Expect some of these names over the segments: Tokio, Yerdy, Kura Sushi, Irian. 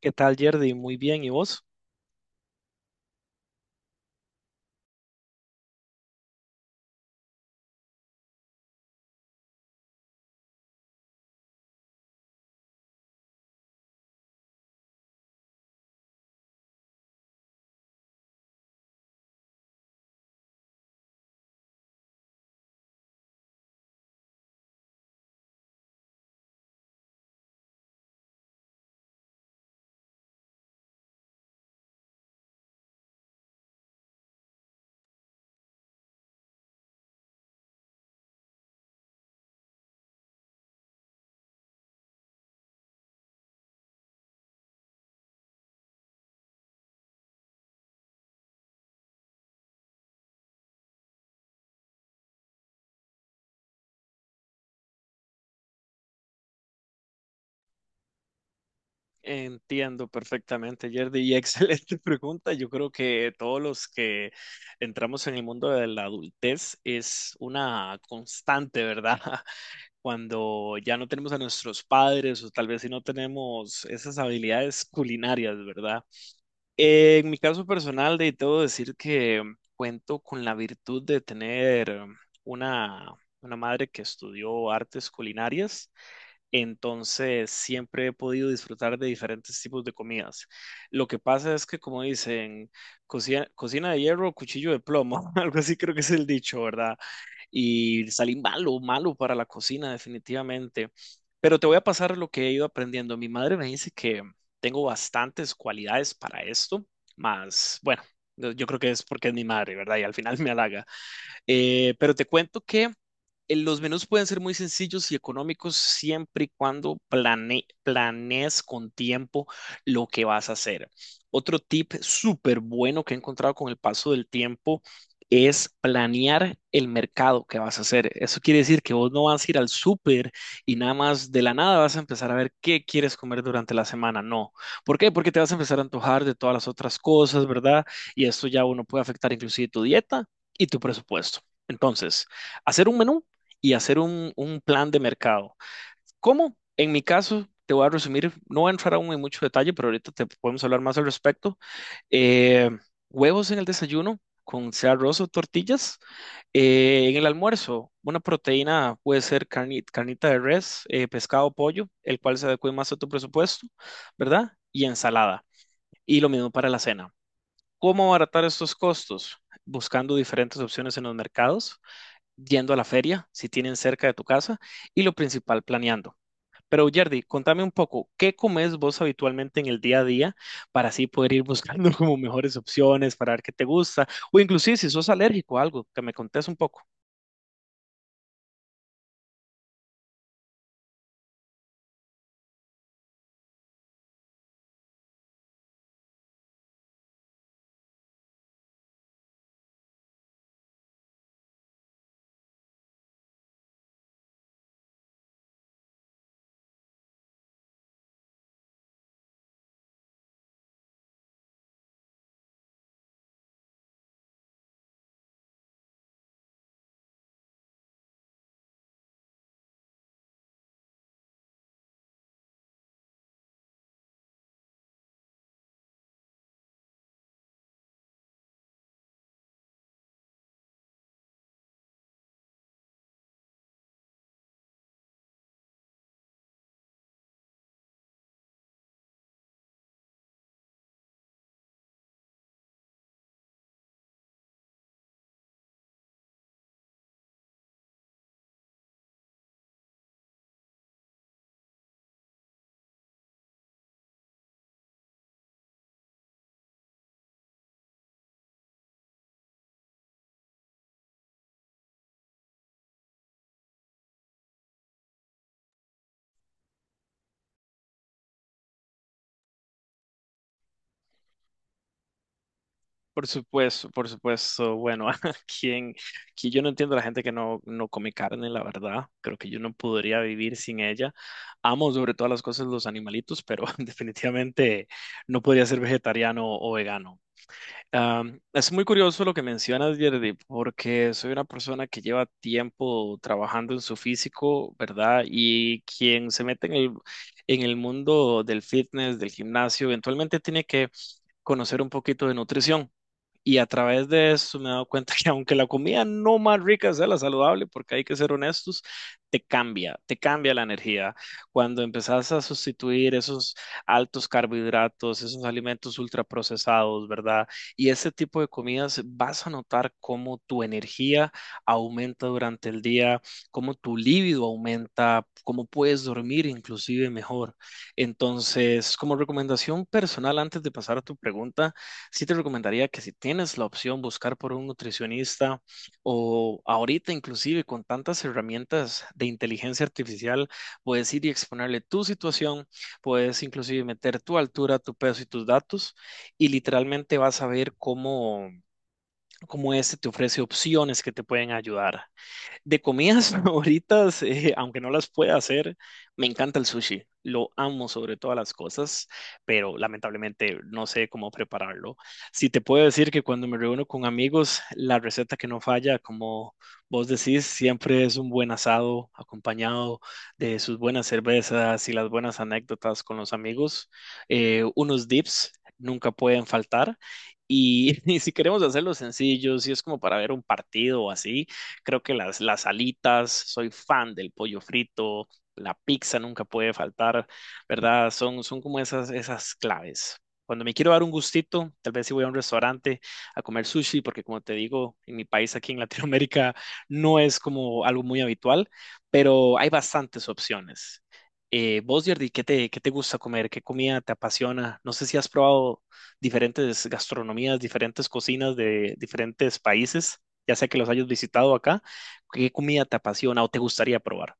¿Qué tal, Yerdy? Muy bien, ¿y vos? Entiendo perfectamente, Yerdy, y excelente pregunta. Yo creo que todos los que entramos en el mundo de la adultez es una constante, ¿verdad? Cuando ya no tenemos a nuestros padres o tal vez si no tenemos esas habilidades culinarias, ¿verdad? En mi caso personal, de debo decir que cuento con la virtud de tener una, una madre que estudió artes culinarias. Entonces, siempre he podido disfrutar de diferentes tipos de comidas. Lo que pasa es que, como dicen, cocina de hierro, cuchillo de plomo, algo así creo que es el dicho, ¿verdad? Y salí malo para la cocina, definitivamente. Pero te voy a pasar lo que he ido aprendiendo. Mi madre me dice que tengo bastantes cualidades para esto, más, bueno, yo creo que es porque es mi madre, ¿verdad? Y al final me halaga. Pero te cuento que los menús pueden ser muy sencillos y económicos siempre y cuando planees con tiempo lo que vas a hacer. Otro tip súper bueno que he encontrado con el paso del tiempo es planear el mercado que vas a hacer. Eso quiere decir que vos no vas a ir al súper y nada más de la nada vas a empezar a ver qué quieres comer durante la semana. No. ¿Por qué? Porque te vas a empezar a antojar de todas las otras cosas, ¿verdad? Y esto ya uno puede afectar inclusive tu dieta y tu presupuesto. Entonces, hacer un menú y hacer un plan de mercado. ¿Cómo? En mi caso, te voy a resumir, no voy a entrar aún en mucho detalle, pero ahorita te podemos hablar más al respecto. Eh, Huevos en el desayuno con sea arroz o tortillas. En el almuerzo, una proteína puede ser carnita de res, pescado, pollo, el cual se adecue más a tu presupuesto, ¿verdad? Y ensalada. Y lo mismo para la cena. ¿Cómo abaratar estos costos? Buscando diferentes opciones en los mercados, yendo a la feria, si tienen cerca de tu casa, y lo principal, planeando. Pero Yerdy, contame un poco, ¿qué comes vos habitualmente en el día a día para así poder ir buscando como mejores opciones, para ver qué te gusta? O inclusive si sos alérgico a algo, que me contés un poco. Por supuesto, por supuesto. Bueno, quien, que yo no entiendo a la gente que no come carne, la verdad. Creo que yo no podría vivir sin ella. Amo sobre todas las cosas los animalitos, pero definitivamente no podría ser vegetariano o vegano. Es muy curioso lo que mencionas, Yerdy, porque soy una persona que lleva tiempo trabajando en su físico, ¿verdad? Y quien se mete en en el mundo del fitness, del gimnasio, eventualmente tiene que conocer un poquito de nutrición. Y a través de eso me he dado cuenta que aunque la comida no más rica sea la saludable, porque hay que ser honestos, te cambia la energía. Cuando empezás a sustituir esos altos carbohidratos, esos alimentos ultraprocesados, ¿verdad? Y ese tipo de comidas, vas a notar cómo tu energía aumenta durante el día, cómo tu libido aumenta, cómo puedes dormir inclusive mejor. Entonces, como recomendación personal, antes de pasar a tu pregunta, sí te recomendaría que si tienes la opción buscar por un nutricionista o ahorita inclusive con tantas herramientas de inteligencia artificial, puedes ir y exponerle tu situación, puedes inclusive meter tu altura, tu peso y tus datos y literalmente vas a ver cómo este te ofrece opciones que te pueden ayudar. De comidas favoritas, aunque no las pueda hacer, me encanta el sushi. Lo amo sobre todas las cosas, pero lamentablemente no sé cómo prepararlo. Si te puedo decir que cuando me reúno con amigos, la receta que no falla, como vos decís, siempre es un buen asado acompañado de sus buenas cervezas y las buenas anécdotas con los amigos. Unos dips nunca pueden faltar. Y, y si queremos hacerlo sencillo, si es como para ver un partido o así, creo que las alitas, soy fan del pollo frito, la pizza nunca puede faltar, ¿verdad? Son como esas claves. Cuando me quiero dar un gustito, tal vez si voy a un restaurante a comer sushi, porque como te digo, en mi país aquí en Latinoamérica no es como algo muy habitual, pero hay bastantes opciones. Vos, Jordi, qué te gusta comer? ¿Qué comida te apasiona? No sé si has probado diferentes gastronomías, diferentes cocinas de diferentes países, ya sea que los hayas visitado acá, ¿qué comida te apasiona o te gustaría probar?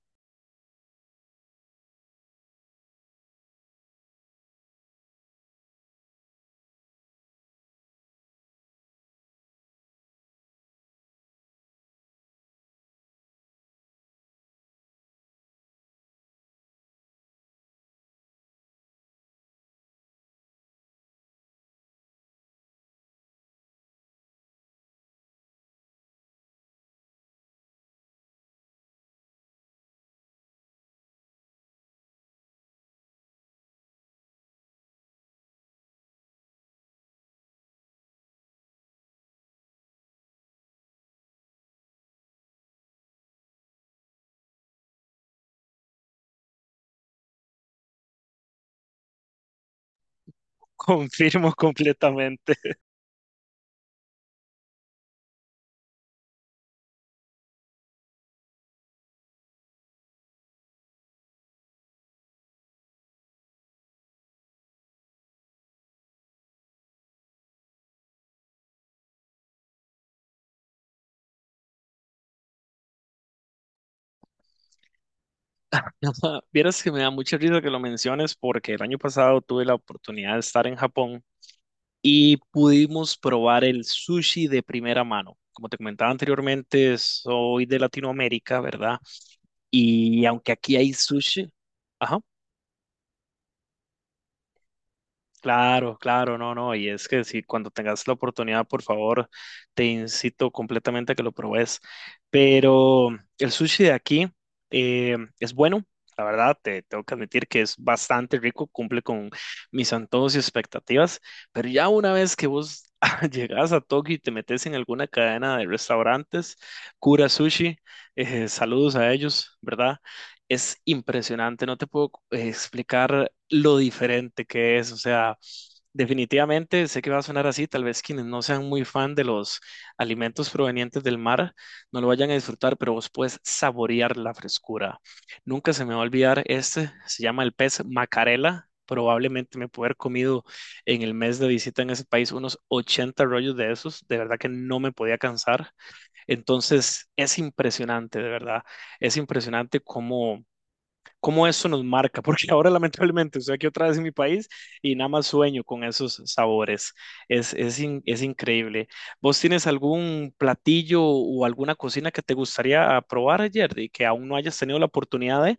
Confirmo completamente. Vieras que me da mucha risa que lo menciones porque el año pasado tuve la oportunidad de estar en Japón y pudimos probar el sushi de primera mano. Como te comentaba anteriormente, soy de Latinoamérica, ¿verdad? Y aunque aquí hay sushi, ajá. Claro, no, y es que si cuando tengas la oportunidad, por favor, te incito completamente a que lo pruebes. Pero el sushi de aquí es bueno, la verdad, te tengo que admitir que es bastante rico, cumple con mis antojos y expectativas, pero ya una vez que vos llegas a Tokio y te metes en alguna cadena de restaurantes, Kura Sushi, saludos a ellos, ¿verdad? Es impresionante, no te puedo explicar lo diferente que es, o sea, definitivamente, sé que va a sonar así, tal vez quienes no sean muy fan de los alimentos provenientes del mar no lo vayan a disfrutar, pero vos puedes saborear la frescura. Nunca se me va a olvidar, este se llama el pez macarela, probablemente me pude haber comido en el mes de visita en ese país unos 80 rollos de esos, de verdad que no me podía cansar. Entonces, es impresionante, de verdad, es impresionante cómo eso nos marca, porque ahora lamentablemente estoy aquí otra vez en mi país y nada más sueño con esos sabores. Es increíble. ¿Vos tienes algún platillo o alguna cocina que te gustaría probar, Jerry, que aún no hayas tenido la oportunidad de?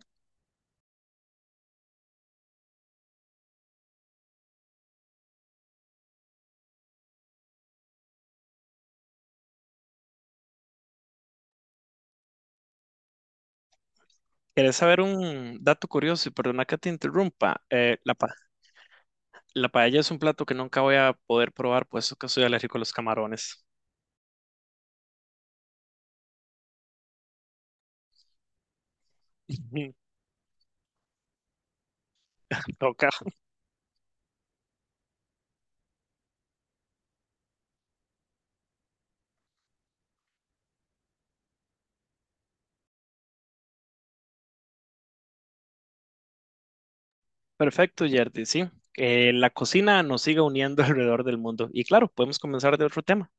¿Querés saber un dato curioso? Y perdona que te interrumpa. La paella es un plato que nunca voy a poder probar, puesto que soy alérgico a los camarones. Toca. Perfecto, Yerdy, sí. La cocina nos sigue uniendo alrededor del mundo. Y claro, podemos comenzar de otro tema.